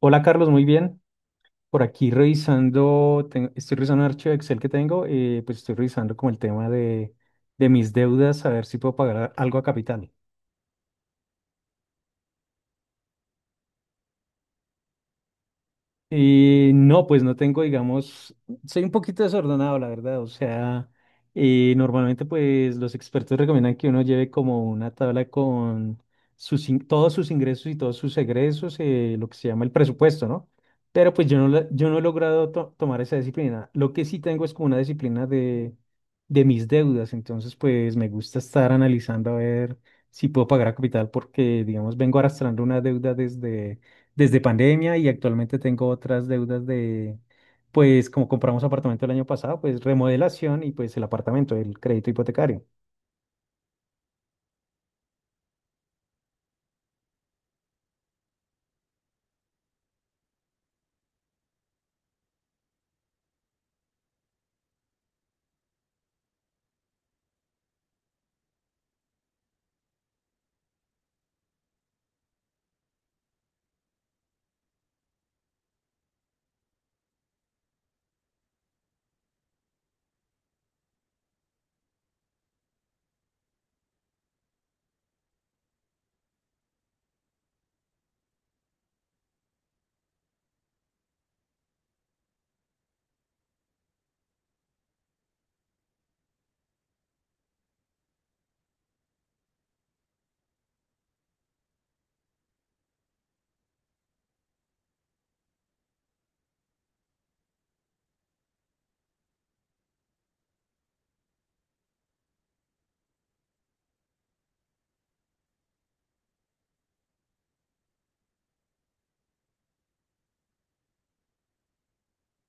Hola Carlos, muy bien. Por aquí revisando, estoy revisando un archivo de Excel que tengo. Pues estoy revisando como el tema de mis deudas, a ver si puedo pagar algo a capital. Y no, pues no tengo, digamos, soy un poquito desordenado, la verdad. O sea, normalmente pues los expertos recomiendan que uno lleve como una tabla con todos sus ingresos y todos sus egresos, lo que se llama el presupuesto, ¿no? Pero pues yo no, yo no he logrado tomar esa disciplina. Lo que sí tengo es como una disciplina de mis deudas. Entonces pues me gusta estar analizando a ver si puedo pagar a capital porque, digamos, vengo arrastrando una deuda desde pandemia y actualmente tengo otras deudas de, pues como compramos apartamento el año pasado, pues remodelación y pues el apartamento, el crédito hipotecario.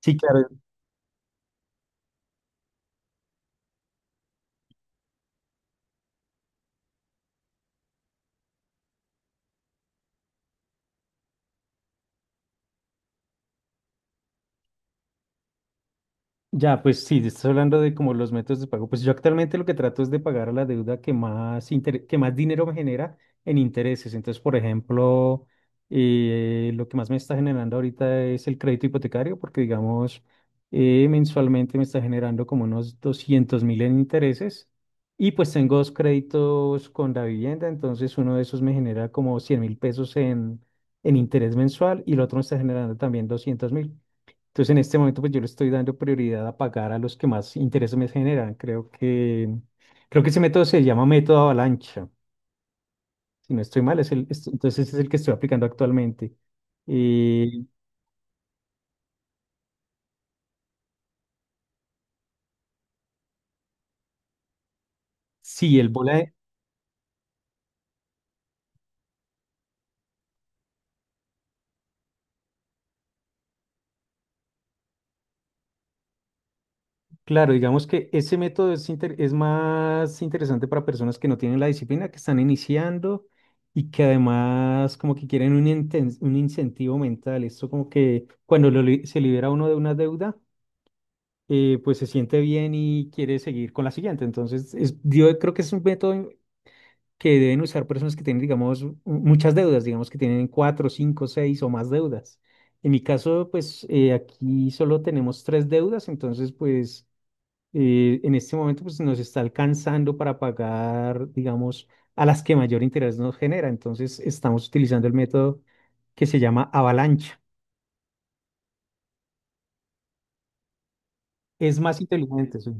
Sí, claro. Ya, pues sí, estás hablando de como los métodos de pago. Pues yo actualmente lo que trato es de pagar la deuda que más dinero me genera en intereses. Entonces, por ejemplo, lo que más me está generando ahorita es el crédito hipotecario, porque digamos, mensualmente me está generando como unos 200.000 en intereses. Y pues tengo dos créditos con la vivienda, entonces uno de esos me genera como 100.000 pesos en interés mensual y el otro me está generando también 200.000. Entonces, en este momento, pues yo le estoy dando prioridad a pagar a los que más intereses me generan. Creo que ese método se llama método avalancha. Si no estoy mal, es entonces es el que estoy aplicando actualmente. Eh, sí, claro, digamos que ese método es, es más interesante para personas que no tienen la disciplina, que están iniciando y que además como que quieren un incentivo mental. Esto como que cuando se libera uno de una deuda pues se siente bien y quiere seguir con la siguiente. Entonces, yo creo que es un método que deben usar personas que tienen, digamos, muchas deudas, digamos que tienen cuatro, cinco, seis o más deudas. En mi caso, pues aquí solo tenemos tres deudas, entonces, pues en este momento, pues nos está alcanzando para pagar, digamos, a las que mayor interés nos genera. Entonces, estamos utilizando el método que se llama avalancha. Es más inteligente, sí.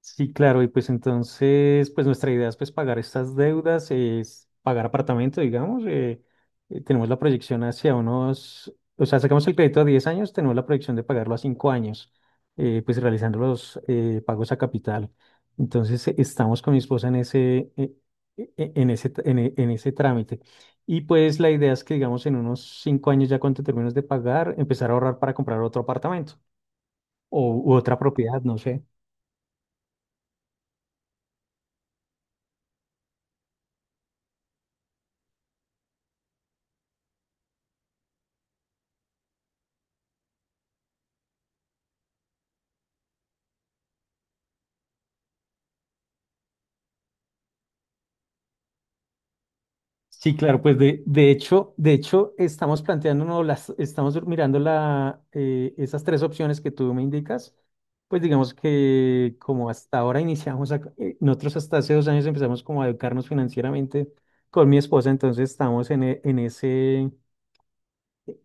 Sí, claro, y pues entonces, pues nuestra idea es pues pagar estas deudas, es pagar apartamento, digamos, tenemos la proyección o sea, sacamos el crédito a 10 años, tenemos la proyección de pagarlo a 5 años, pues realizando los pagos a capital. Entonces, estamos con mi esposa en ese, e- e- en ese, en ese trámite. Y pues la idea es que, digamos, en unos 5 años ya cuando termines de pagar, empezar a ahorrar para comprar otro apartamento o u otra propiedad, no sé. Sí, claro, pues de hecho, estamos mirando esas tres opciones que tú me indicas. Pues digamos que como hasta ahora iniciamos, nosotros hasta hace 2 años empezamos como a educarnos financieramente con mi esposa, entonces estamos en, e- en ese,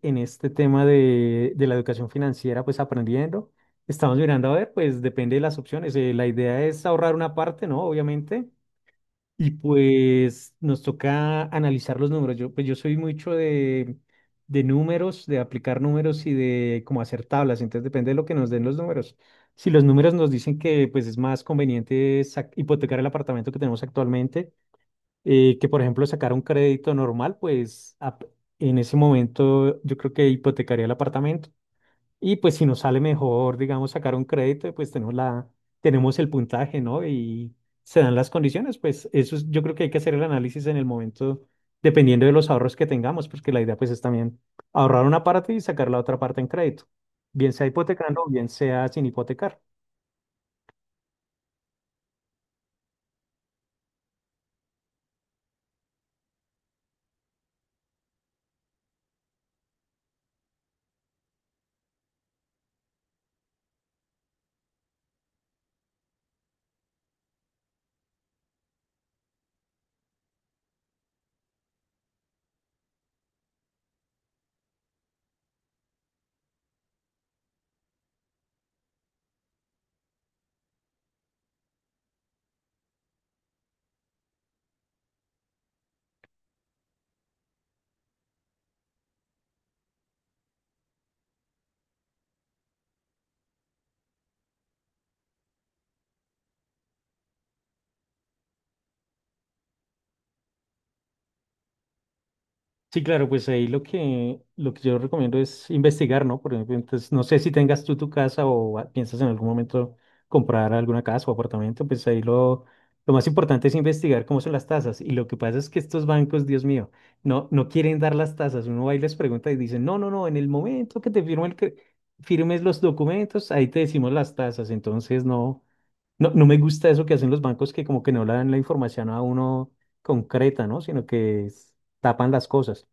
en este tema de, la educación financiera, pues aprendiendo. Estamos mirando, a ver, pues depende de las opciones. La idea es ahorrar una parte, ¿no? Obviamente y pues nos toca analizar los números. Yo, pues yo soy mucho de números, de aplicar números y de cómo hacer tablas. Entonces depende de lo que nos den los números. Si los números nos dicen que pues es más conveniente hipotecar el apartamento que tenemos actualmente, que por ejemplo sacar un crédito normal, pues en ese momento yo creo que hipotecaría el apartamento. Y pues si nos sale mejor, digamos, sacar un crédito, pues tenemos el puntaje, ¿no? Y se dan las condiciones, pues yo creo que hay que hacer el análisis en el momento, dependiendo de los ahorros que tengamos, porque la idea pues es también ahorrar una parte y sacar la otra parte en crédito, bien sea hipotecando, o bien sea sin hipotecar. Sí, claro, pues ahí lo que yo recomiendo es investigar, ¿no? Por ejemplo, entonces, no sé si tengas tú tu casa o piensas en algún momento comprar alguna casa o apartamento, pues ahí lo más importante es investigar cómo son las tasas. Y lo que pasa es que estos bancos, Dios mío, no quieren dar las tasas. Uno va y les pregunta y dicen, no, no, no, en el momento que te firmes los documentos, ahí te decimos las tasas. Entonces, no, no me gusta eso que hacen los bancos que como que no le dan la información a uno concreta, ¿no? Sino que tapan las cosas.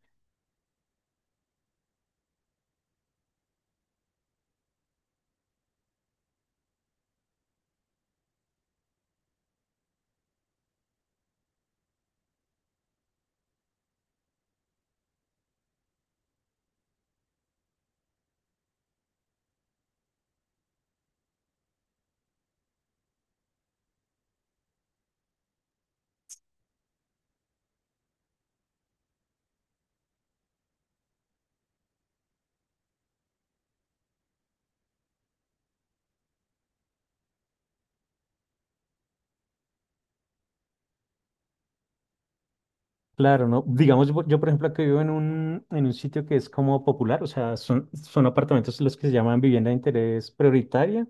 Claro, ¿no? Digamos, yo, por ejemplo, que vivo en un sitio que es como popular, o sea, son apartamentos los que se llaman vivienda de interés prioritaria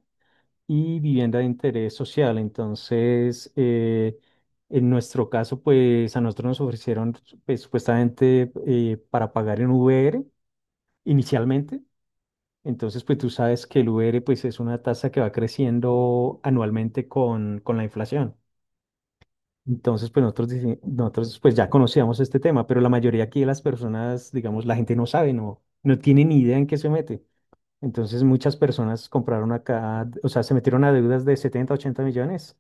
y vivienda de interés social. Entonces, en nuestro caso, pues a nosotros nos ofrecieron pues, supuestamente para pagar en VR inicialmente. Entonces, pues tú sabes que el VR pues es una tasa que va creciendo anualmente con, la inflación. Entonces, pues nosotros pues ya conocíamos este tema, pero la mayoría aquí de las personas, digamos, la gente no sabe, no tiene ni idea en qué se mete. Entonces muchas personas compraron acá, o sea, se metieron a deudas de 70, 80 millones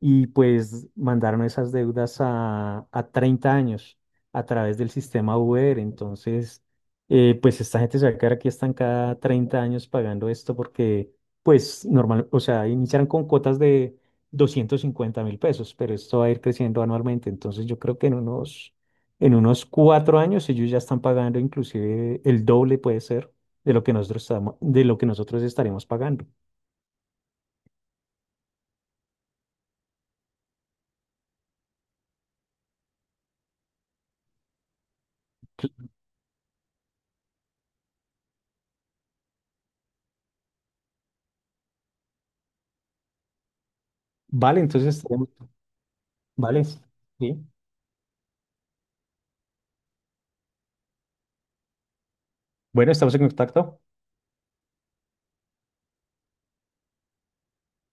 y pues mandaron esas deudas a 30 años a través del sistema Uber. Entonces, pues esta gente se va a quedar aquí estancada 30 años pagando esto porque, pues normal, o sea, iniciaron con cuotas de 250.000 pesos, pero esto va a ir creciendo anualmente. Entonces yo creo que en unos 4 años ellos ya están pagando inclusive el doble, puede ser de lo que nosotros de lo que nosotros estaremos pagando. Vale, entonces vale, sí. Bueno, estamos en contacto.